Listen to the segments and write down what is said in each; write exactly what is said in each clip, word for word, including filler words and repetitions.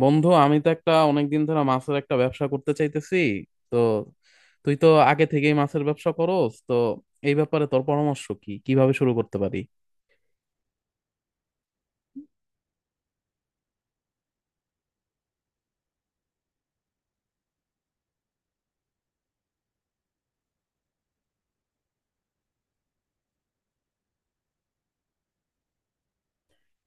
বন্ধু, আমি তো একটা অনেকদিন ধরে মাছের একটা ব্যবসা করতে চাইতেছি। তো তুই তো আগে থেকেই মাছের ব্যবসা করস, তো এই ব্যাপারে তোর পরামর্শ কি? কিভাবে শুরু করতে পারি?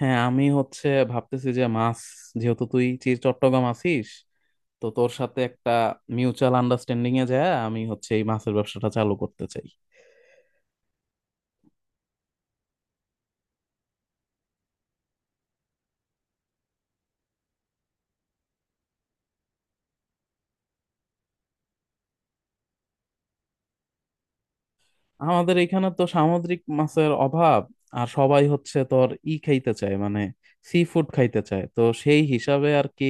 হ্যাঁ, আমি হচ্ছে ভাবতেছি যে মাছ, যেহেতু তুই চি- চট্টগ্রাম আছিস, তো তোর সাথে একটা মিউচুয়াল আন্ডারস্ট্যান্ডিং এ যায় আমি হচ্ছে এই মাছের ব্যবসাটা চালু করতে চাই। আমাদের এখানে তো সামুদ্রিক মাছের অভাব, আর সবাই হচ্ছে তোর ই খাইতে চায়, মানে সি ফুড খাইতে চায়, তো সেই হিসাবে আর কি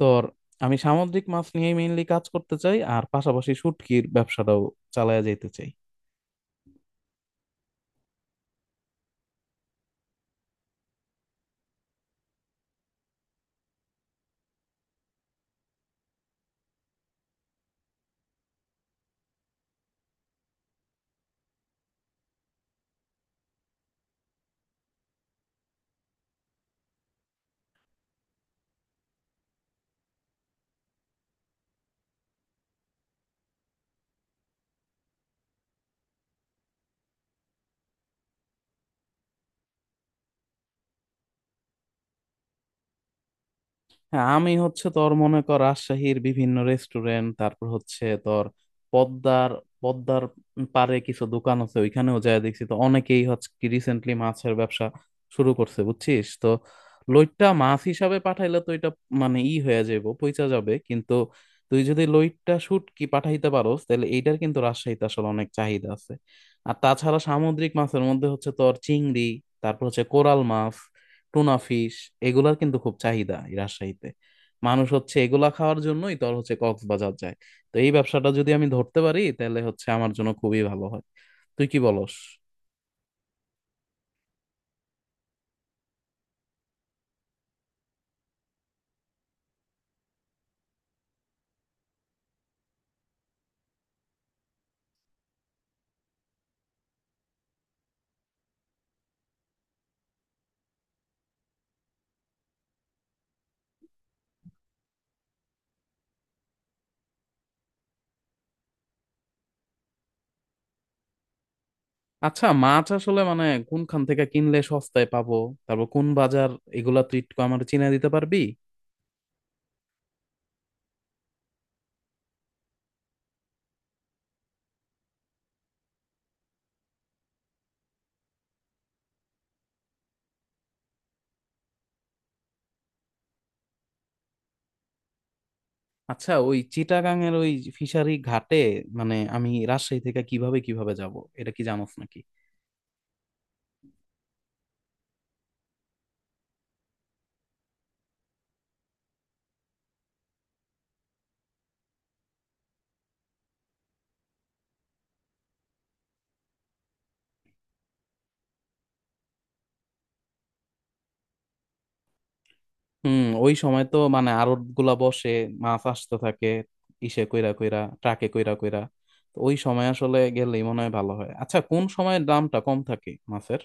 তোর। আমি সামুদ্রিক মাছ নিয়ে মেইনলি কাজ করতে চাই আর পাশাপাশি শুটকির ব্যবসাটাও চালায় যেতে চাই। হ্যাঁ, আমি হচ্ছে তোর মনে কর রাজশাহীর বিভিন্ন রেস্টুরেন্ট, তারপর হচ্ছে তোর পদ্মার পদ্মার পারে কিছু দোকান আছে, ওইখানেও যায় দেখছি, তো অনেকেই হচ্ছে রিসেন্টলি মাছের ব্যবসা শুরু করছে বুঝছিস তো। লইট্টা মাছ হিসাবে পাঠাইলে তো এটা মানে ই হয়ে যাবে, পইচা যাবে, কিন্তু তুই যদি লইট্টা শুটকি পাঠাইতে পারোস তাহলে এইটার কিন্তু রাজশাহীতে আসলে অনেক চাহিদা আছে। আর তাছাড়া সামুদ্রিক মাছের মধ্যে হচ্ছে তোর চিংড়ি, তারপর হচ্ছে কোরাল মাছ, টুনা ফিশ, এগুলার কিন্তু খুব চাহিদা এই রাজশাহীতে। মানুষ হচ্ছে এগুলা খাওয়ার জন্যই তোর হচ্ছে কক্সবাজার যায়। তো এই ব্যবসাটা যদি আমি ধরতে পারি তাহলে হচ্ছে আমার জন্য খুবই ভালো হয়। তুই কি বলস? আচ্ছা, মাছ আসলে মানে কোনখান থেকে কিনলে সস্তায় পাবো, তারপর কোন বাজার, এগুলা তুই একটু আমার চিনে দিতে পারবি? আচ্ছা, ওই চিটাগাং এর ওই ফিশারি ঘাটে মানে আমি রাজশাহী থেকে কিভাবে কিভাবে যাব, এটা কি জানোস নাকি? হুম, ওই সময় তো মানে আড়ত গুলা বসে, মাছ আসতে থাকে ইসে কইরা কইরা, ট্রাকে কইরা কইরা। তো ওই সময় আসলে গেলেই মনে হয় ভালো হয়। আচ্ছা, কোন সময় দামটা কম থাকে মাছের?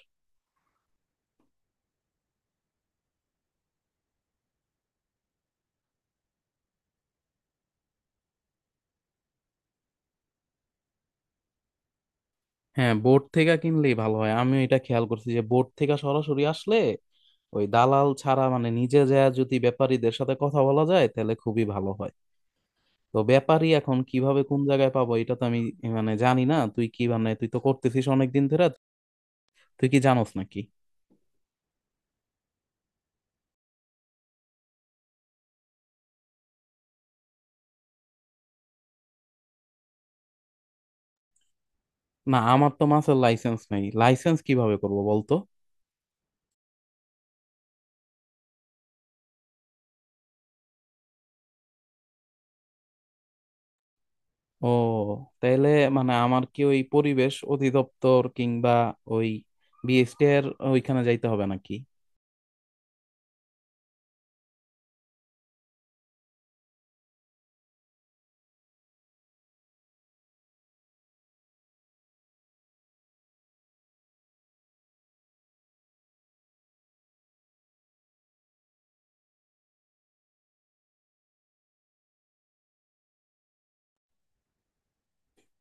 হ্যাঁ, বোট থেকে কিনলেই ভালো হয়। আমি এটা খেয়াল করছি যে বোট থেকে সরাসরি আসলে ওই দালাল ছাড়া, মানে নিজে যায় যদি ব্যাপারীদের সাথে কথা বলা যায় তাহলে খুবই ভালো হয়। তো ব্যাপারী এখন কিভাবে কোন জায়গায় পাবো, এটা তো আমি মানে জানি না। তুই কি মানে তুই তো করতেছিস অনেকদিন ধরে, তুই কি জানোস নাকি? না, আমার তো মাছের লাইসেন্স নেই। লাইসেন্স কিভাবে করবো বলতো? ও, তাহলে মানে আমার কি ওই পরিবেশ অধিদপ্তর কিংবা ওই বিএসটি এর ওইখানে যাইতে হবে নাকি?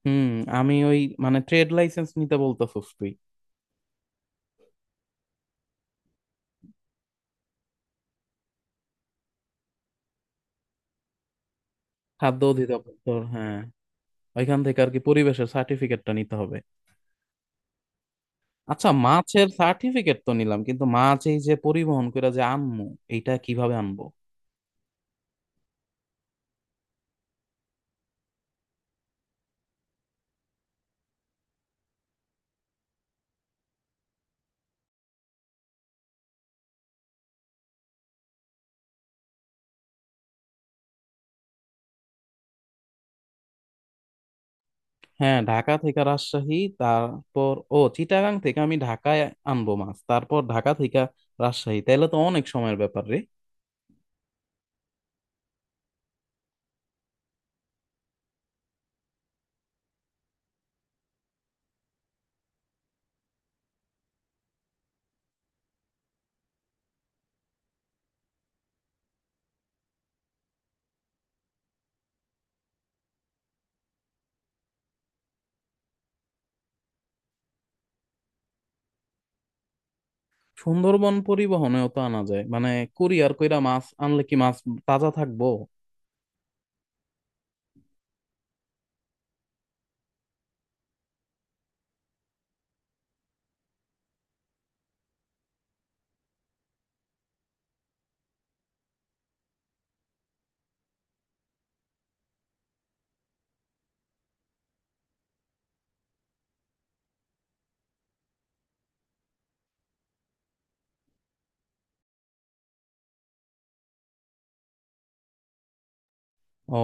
হুম। আমি ওই মানে ট্রেড লাইসেন্স নিতে বলতেছস তুই? খাদ্য অধিদপ্তর, হ্যাঁ। ওইখান থেকে আর কি পরিবেশের সার্টিফিকেটটা নিতে হবে। আচ্ছা, মাছের সার্টিফিকেট তো নিলাম, কিন্তু মাছ এই যে পরিবহন করে যে আনমু, এইটা কিভাবে আনবো? হ্যাঁ, ঢাকা থেকে রাজশাহী, তারপর ও চিটাগাং থেকে আমি ঢাকায় আনবো মাছ, তারপর ঢাকা থেকে রাজশাহী, তাহলে তো অনেক সময়ের ব্যাপার রে। সুন্দরবন পরিবহনেও তো আনা যায়, মানে কুরিয়ার কইরা মাছ আনলে কি মাছ তাজা থাকবো? ও,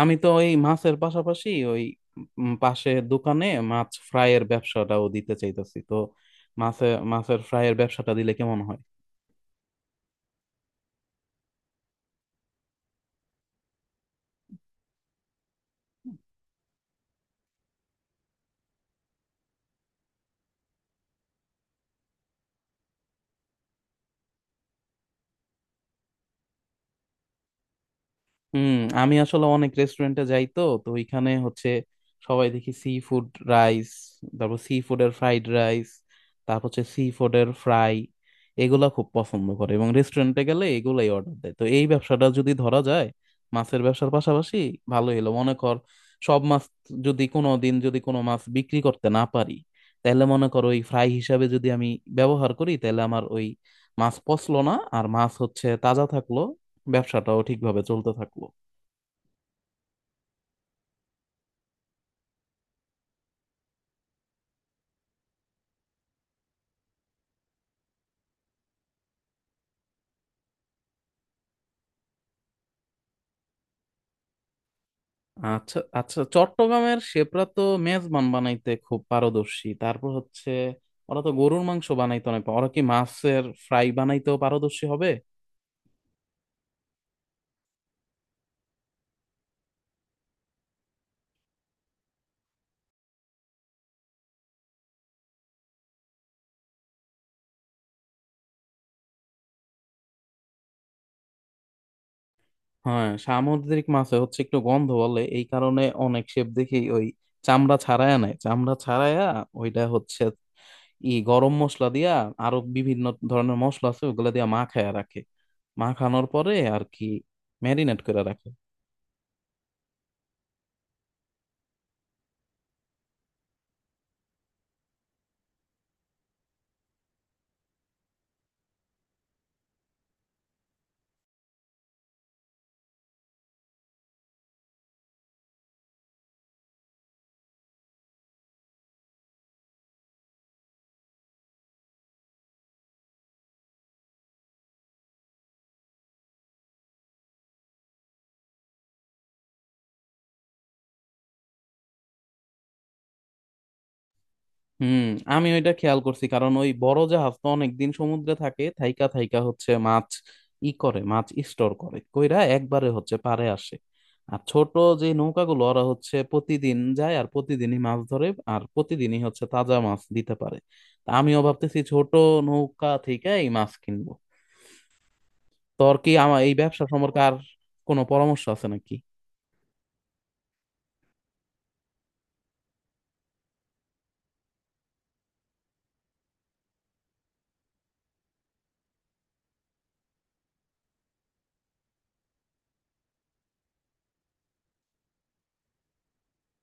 আমি তো ওই মাছের পাশাপাশি ওই উম পাশে দোকানে মাছ ফ্রাইয়ের ব্যবসাটাও দিতে চাইতেছি, তো মাছে মাছের ফ্রাইয়ের ব্যবসাটা দিলে কেমন হয়? হুম, আমি আসলে অনেক রেস্টুরেন্টে যাই তো, তো ওইখানে হচ্ছে সবাই দেখি সি ফুড রাইস, তারপর সি ফুডের ফ্রাইড রাইস, তারপর হচ্ছে সি ফুডের ফ্রাই, এগুলা খুব পছন্দ করে এবং রেস্টুরেন্টে গেলে এগুলাই অর্ডার দেয়। তো এই ব্যবসাটা যদি ধরা যায় মাছের ব্যবসার পাশাপাশি, ভালো হলো মনে কর। সব মাছ যদি কোনো দিন যদি কোনো মাছ বিক্রি করতে না পারি, তাহলে মনে কর ওই ফ্রাই হিসাবে যদি আমি ব্যবহার করি তাহলে আমার ওই মাছ পচলো না, আর মাছ হচ্ছে তাজা থাকলো, ব্যবসাটাও ঠিকভাবে চলতে থাকলো। আচ্ছা আচ্ছা, চট্টগ্রামের শেপরা তো মেজবান বানাইতে খুব পারদর্শী, তারপর হচ্ছে ওরা তো গরুর মাংস বানাইতে অনেক পা- ওরা কি মাছের ফ্রাই বানাইতেও পারদর্শী হবে? হ্যাঁ, সামুদ্রিক মাছে হচ্ছে একটু গন্ধ বলে এই কারণে অনেক শেফ দেখি ওই চামড়া ছাড়ায়া নেয়, চামড়া ছাড়ায়া ওইটা হচ্ছে ই গরম মশলা দিয়া আরো বিভিন্ন ধরনের মশলা আছে ওগুলা দিয়া মাখায়া রাখে, মাখানোর পরে আর কি ম্যারিনেট করে রাখে। হুম, আমি ওইটা খেয়াল করছি, কারণ ওই বড় জাহাজ তো অনেকদিন সমুদ্রে থাকে, থাইকা থাইকা হচ্ছে মাছ ই করে মাছ স্টোর করে কইরা একবারে হচ্ছে পাড়ে আসে। আর ছোট যে নৌকাগুলো ওরা হচ্ছে প্রতিদিন যায় আর প্রতিদিনই মাছ ধরে, আর প্রতিদিনই হচ্ছে তাজা মাছ দিতে পারে। তা আমিও ভাবতেছি ছোট নৌকা থেকে এই মাছ কিনবো। তোর কি আমার এই ব্যবসা সম্পর্কে আর কোনো পরামর্শ আছে নাকি?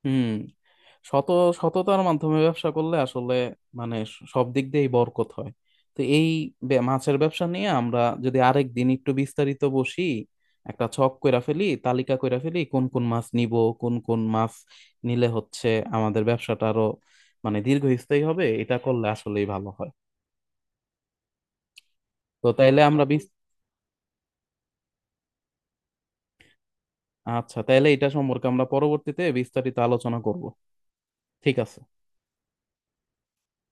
হুম, শত সততার মাধ্যমে ব্যবসা করলে আসলে মানে স- সব দিক দিয়েই বরকত হয়। তো এই বে- মাছের ব্যবসা নিয়ে আমরা যদি আরেক দিন একটু বিস্তারিত বসি, একটা ছক কইরা ফেলি, তালিকা কইরা ফেলি কোন কোন মাছ নিব, কোন কোন মাছ নিলে হচ্ছে আমাদের ব্যবসাটা আরো মানে দীর্ঘস্থায়ী হবে, এটা করলে আসলেই ভালো হয়। তো তাইলে আমরা বিস- আচ্ছা, তাইলে এটা সম্পর্কে আমরা পরবর্তীতে বিস্তারিত আলোচনা করব, ঠিক আছে।